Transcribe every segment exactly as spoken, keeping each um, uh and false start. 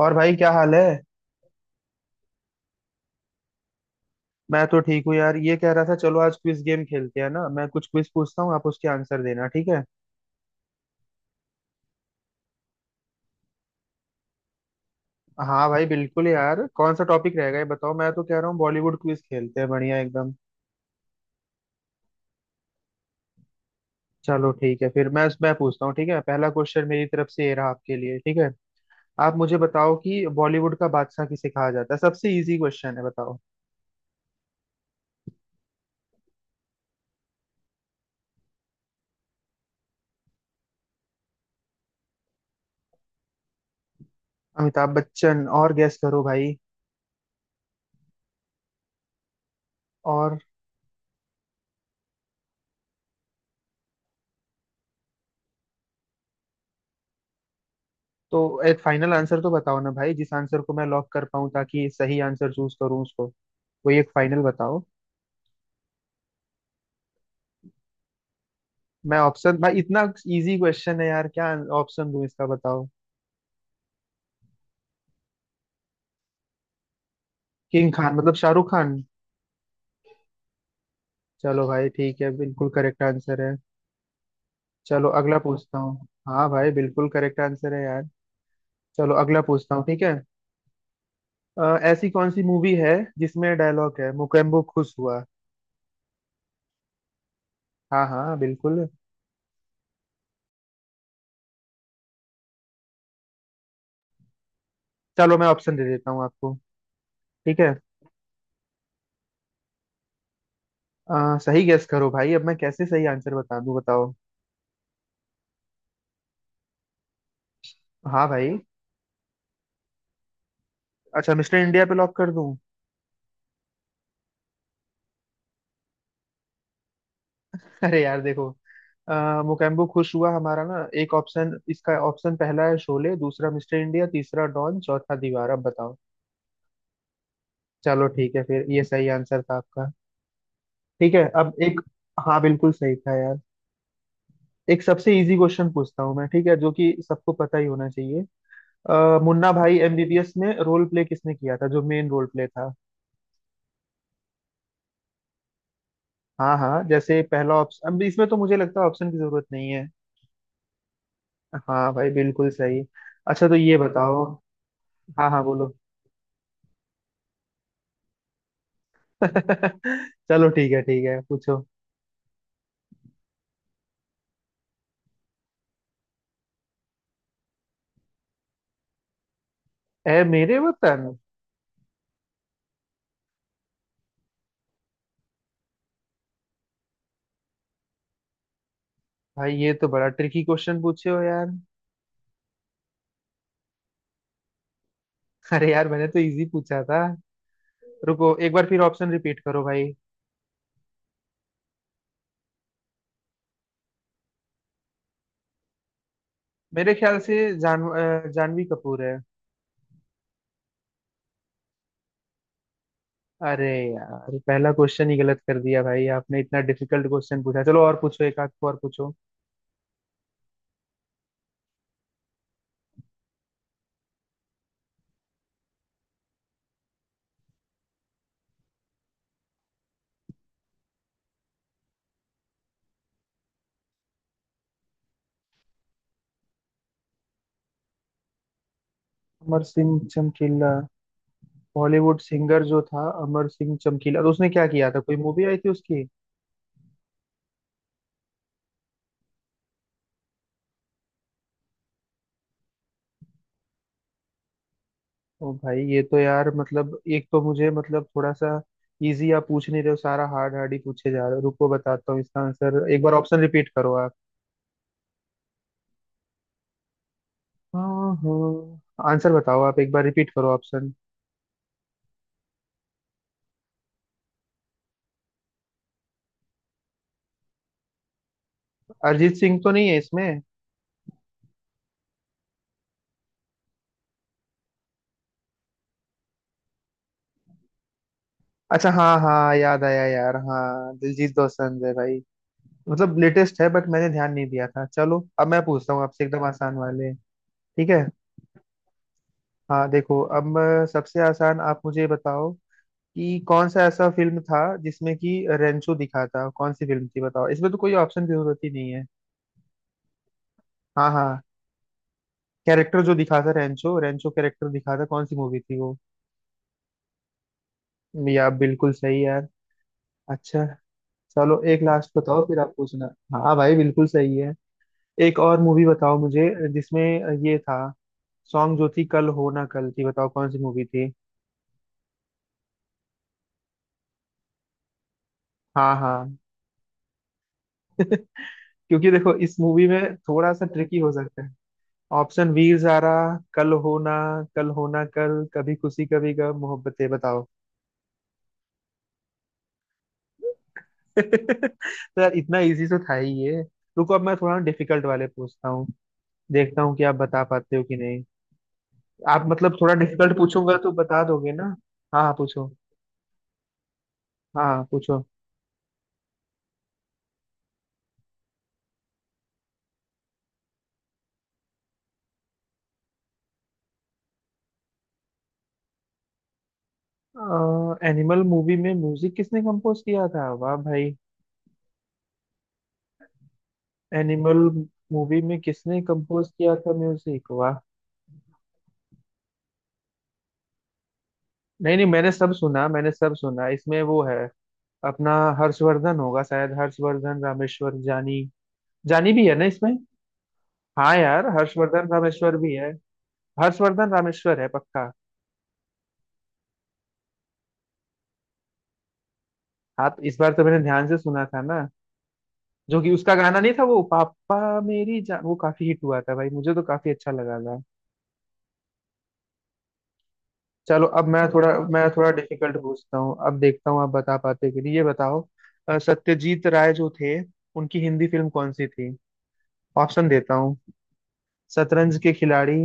और भाई क्या हाल है। मैं तो ठीक हूँ यार, ये कह रहा था चलो आज क्विज गेम खेलते हैं ना। मैं कुछ क्विज पूछता हूँ, आप उसके आंसर देना, ठीक है। हाँ भाई बिल्कुल यार, कौन सा टॉपिक रहेगा ये बताओ। मैं तो कह रहा हूँ बॉलीवुड क्विज खेलते हैं, बढ़िया एकदम। चलो ठीक है फिर मैं मैं पूछता हूँ, ठीक है। पहला क्वेश्चन मेरी तरफ से ये रहा आपके लिए, ठीक है। आप मुझे बताओ कि बॉलीवुड का बादशाह किसे कहा जाता है, सबसे इजी क्वेश्चन है, बताओ। अमिताभ बच्चन और गैस करो भाई। और तो एक फाइनल आंसर तो बताओ ना भाई, जिस आंसर को मैं लॉक कर पाऊँ ताकि सही आंसर चूज करूँ उसको। कोई एक फाइनल बताओ। मैं ऑप्शन भाई, इतना इजी क्वेश्चन है यार क्या ऑप्शन दूं इसका, बताओ। किंग खान मतलब शाहरुख खान। चलो भाई ठीक है, बिल्कुल करेक्ट आंसर है। चलो अगला पूछता हूँ। हाँ भाई बिल्कुल करेक्ट आंसर है यार। चलो अगला पूछता हूँ, ठीक है। अ, ऐसी कौन सी मूवी है जिसमें डायलॉग है मुकेम्बो खुश हुआ। हाँ हाँ बिल्कुल। चलो मैं ऑप्शन दे देता हूँ आपको, ठीक है। अ, सही गेस करो भाई, अब मैं कैसे सही आंसर बता दूं, बताओ। हाँ भाई। अच्छा मिस्टर इंडिया पे लॉक कर दूं। अरे यार देखो, आ, मुकेम्बो खुश हुआ हमारा ना। एक ऑप्शन इसका, ऑप्शन पहला है शोले, दूसरा मिस्टर इंडिया, तीसरा डॉन, चौथा दीवार, अब बताओ। चलो ठीक है फिर, ये सही आंसर था आपका। ठीक है अब एक। हाँ बिल्कुल सही था यार। एक सबसे इजी क्वेश्चन पूछता हूँ मैं, ठीक है, जो कि सबको पता ही होना चाहिए। अ, मुन्ना भाई एम बी बी एस में रोल प्ले किसने किया था, जो मेन रोल प्ले था। हाँ हाँ जैसे पहला ऑप्शन, अब इसमें तो मुझे लगता है ऑप्शन की जरूरत नहीं है। हाँ भाई बिल्कुल सही। अच्छा तो ये बताओ। हाँ हाँ बोलो। चलो ठीक है ठीक है पूछो। ए मेरे वतन। भाई ये तो बड़ा ट्रिकी क्वेश्चन पूछे हो यार। अरे यार मैंने तो इजी पूछा था। रुको एक बार फिर ऑप्शन रिपीट करो भाई। मेरे ख्याल से जान अ, जानवी कपूर है। अरे यार पहला क्वेश्चन ही गलत कर दिया भाई आपने, इतना डिफिकल्ट क्वेश्चन पूछा। चलो और पूछो, एक आध को और पूछो। अमर सिंह चमकीला। बॉलीवुड सिंगर जो था अमर सिंह चमकीला, तो उसने क्या किया था, कोई मूवी आई थी उसकी। ओ भाई ये तो यार, मतलब एक तो मुझे मतलब थोड़ा सा इजी आप पूछ नहीं रहे हो, सारा हार्ड हार्ड ही पूछे जा रहे हो। रुको बताता हूँ इसका आंसर, एक बार ऑप्शन रिपीट करो आप। हाँ हाँ आंसर बताओ आप, एक बार रिपीट करो ऑप्शन। अरिजीत सिंह तो नहीं है इसमें। अच्छा हाँ हाँ याद आया यार, हाँ दिलजीत दोसांझ है भाई। मतलब लेटेस्ट है, बट मैंने ध्यान नहीं दिया था। चलो अब मैं पूछता हूँ आपसे एकदम आसान वाले, ठीक है। हाँ देखो अब, अ, सबसे आसान आप मुझे बताओ कि कौन सा ऐसा फिल्म था जिसमें कि रेंचो दिखा था, कौन सी फिल्म थी बताओ, इसमें तो कोई ऑप्शन की जरूरत ही नहीं है। हाँ हाँ, कैरेक्टर जो दिखा था रेंचो, रेंचो कैरेक्टर दिखा था, कौन सी मूवी थी वो। या बिल्कुल सही यार। अच्छा, चलो एक लास्ट बताओ फिर आप पूछना। हाँ भाई बिल्कुल सही है। एक और मूवी बताओ मुझे, जिसमें ये था सॉन्ग जो थी कल हो ना कल थी, बताओ कौन सी मूवी थी। हाँ हाँ। क्योंकि देखो इस मूवी में थोड़ा सा ट्रिकी हो सकता है। ऑप्शन, वी जारा कल होना कल होना कल कभी खुशी कभी गम मोहब्बतें, बताओ। तो यार इतना इजी तो था ही ये। रुको अब मैं थोड़ा डिफिकल्ट वाले पूछता हूँ, देखता हूँ कि आप बता पाते हो कि नहीं। आप मतलब थोड़ा डिफिकल्ट पूछूंगा तो बता दोगे ना। हाँ हाँ पूछो। हाँ हाँ, पूछो। एनिमल मूवी में म्यूजिक किसने कंपोज किया था, वाह भाई। एनिमल मूवी में किसने कंपोज किया था म्यूजिक, वाह। नहीं नहीं मैंने सब सुना, मैंने सब सुना, इसमें वो है अपना, हर्षवर्धन होगा शायद, हर्षवर्धन रामेश्वर। जानी, जानी भी है ना इसमें। हाँ यार हर्षवर्धन रामेश्वर भी है। हर्षवर्धन रामेश्वर है पक्का। हाँ तो इस बार तो मैंने ध्यान से सुना था ना। जो कि उसका गाना नहीं था वो पापा मेरी जान, वो काफी हिट हुआ था भाई, मुझे तो काफी अच्छा लगा था। चलो अब मैं थोड़ा मैं थोड़ा डिफिकल्ट पूछता हूँ, अब देखता हूँ आप बता पाते कि नहीं, ये बताओ। अ, सत्यजीत राय जो थे उनकी हिंदी फिल्म कौन सी थी। ऑप्शन देता हूँ, शतरंज के खिलाड़ी,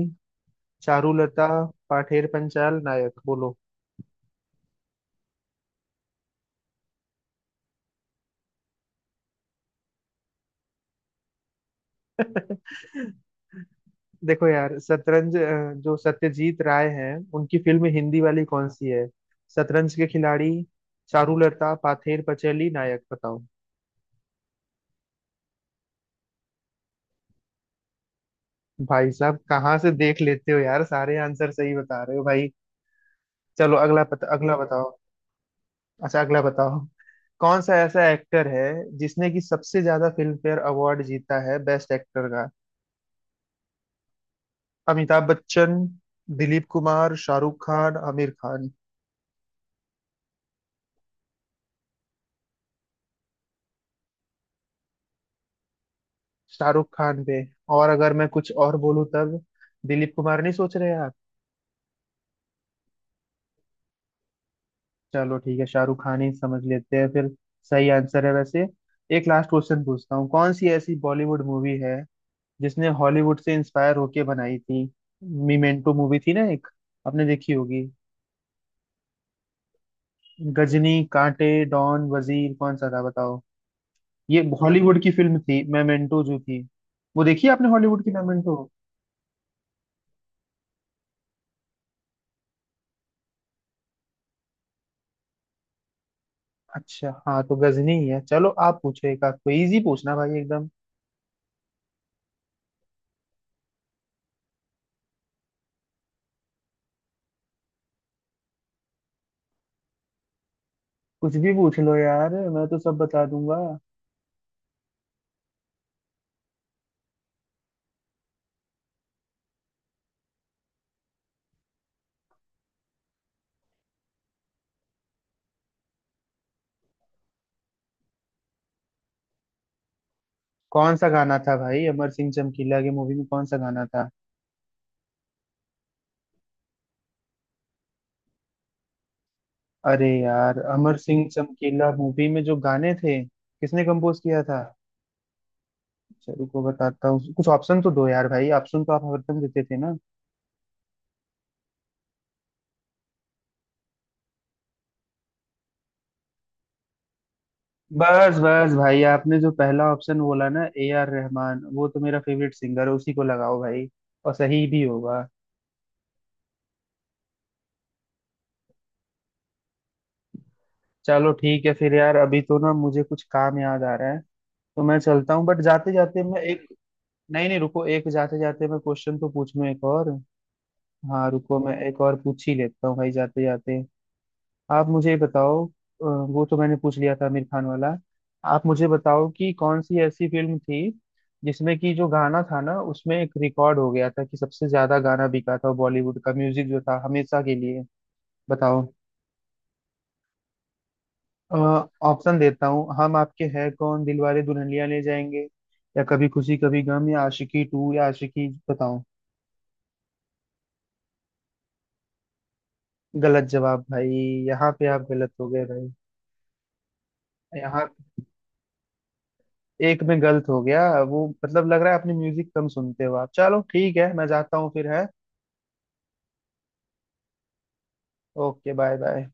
चारुलता, पाठेर पंचाल, नायक, बोलो। देखो यार शतरंज, अ, जो सत्यजीत राय हैं उनकी फिल्म हिंदी वाली कौन सी है, शतरंज के खिलाड़ी, चारुलता, पाथेर पचैली, नायक, बताओ। भाई साहब कहाँ से देख लेते हो यार, सारे आंसर सही बता रहे हो भाई। चलो अगला पता, अगला बताओ। अच्छा अगला बताओ। कौन सा ऐसा एक्टर है जिसने की सबसे ज्यादा फिल्म फेयर अवार्ड जीता है बेस्ट एक्टर का। अमिताभ बच्चन, दिलीप कुमार, शाहरुख खान, आमिर खान। शाहरुख खान पे, और अगर मैं कुछ और बोलूं तब। दिलीप कुमार नहीं सोच रहे आप। चलो ठीक है शाहरुख खान ही समझ लेते हैं फिर, सही आंसर है वैसे। एक लास्ट क्वेश्चन पूछता हूँ, कौन सी ऐसी बॉलीवुड मूवी है जिसने हॉलीवुड से इंस्पायर होके बनाई थी। मीमेंटो मूवी थी ना एक, आपने देखी होगी। गजनी, कांटे, डॉन, वजीर, कौन सा था बताओ। ये हॉलीवुड की फिल्म थी मेमेंटो जो थी। वो देखी है आपने, हॉलीवुड की मेमेंटो। अच्छा हाँ तो गजनी ही है। चलो आप पूछो एक आध, कोई इजी पूछना भाई एकदम। कुछ भी पूछ लो यार, मैं तो सब बता दूंगा। कौन सा गाना था भाई, अमर सिंह चमकीला की मूवी में कौन सा गाना था? अरे यार अमर सिंह चमकीला मूवी में जो गाने थे किसने कंपोज किया था? चलो रुको बताता हूँ, कुछ ऑप्शन तो दो यार भाई, ऑप्शन तो आप हरदम देते थे ना। बस बस भाई, आपने जो पहला ऑप्शन बोला ना ए आर रहमान, वो तो मेरा फेवरेट सिंगर है, उसी को लगाओ भाई और सही भी होगा। चलो ठीक है फिर यार, अभी तो ना मुझे कुछ काम याद आ रहा है, तो मैं चलता हूँ, बट जाते जाते मैं एक। नहीं नहीं रुको, एक जाते जाते मैं क्वेश्चन तो पूछूं एक और। हाँ रुको मैं एक और पूछ ही लेता हूँ भाई जाते जाते। आप मुझे ये बताओ, अ, वो तो मैंने पूछ लिया था आमिर खान वाला। आप मुझे बताओ कि कौन सी ऐसी फिल्म थी जिसमें कि जो गाना था ना, उसमें एक रिकॉर्ड हो गया था कि सबसे ज्यादा गाना बिका था बॉलीवुड का, म्यूजिक जो था हमेशा के लिए, बताओ। ऑप्शन देता हूँ, हम आपके है कौन, दिलवाले दुल्हनिया ले जाएंगे, या कभी खुशी कभी गम, या आशिकी टू, या आशिकी, बताओ। गलत जवाब भाई। यहाँ पे आप गलत हो गए भाई। यहाँ एक में गलत हो गया, वो मतलब लग रहा है अपने म्यूजिक कम सुनते हो आप। चलो ठीक है मैं जाता हूँ फिर है। Okay bye bye.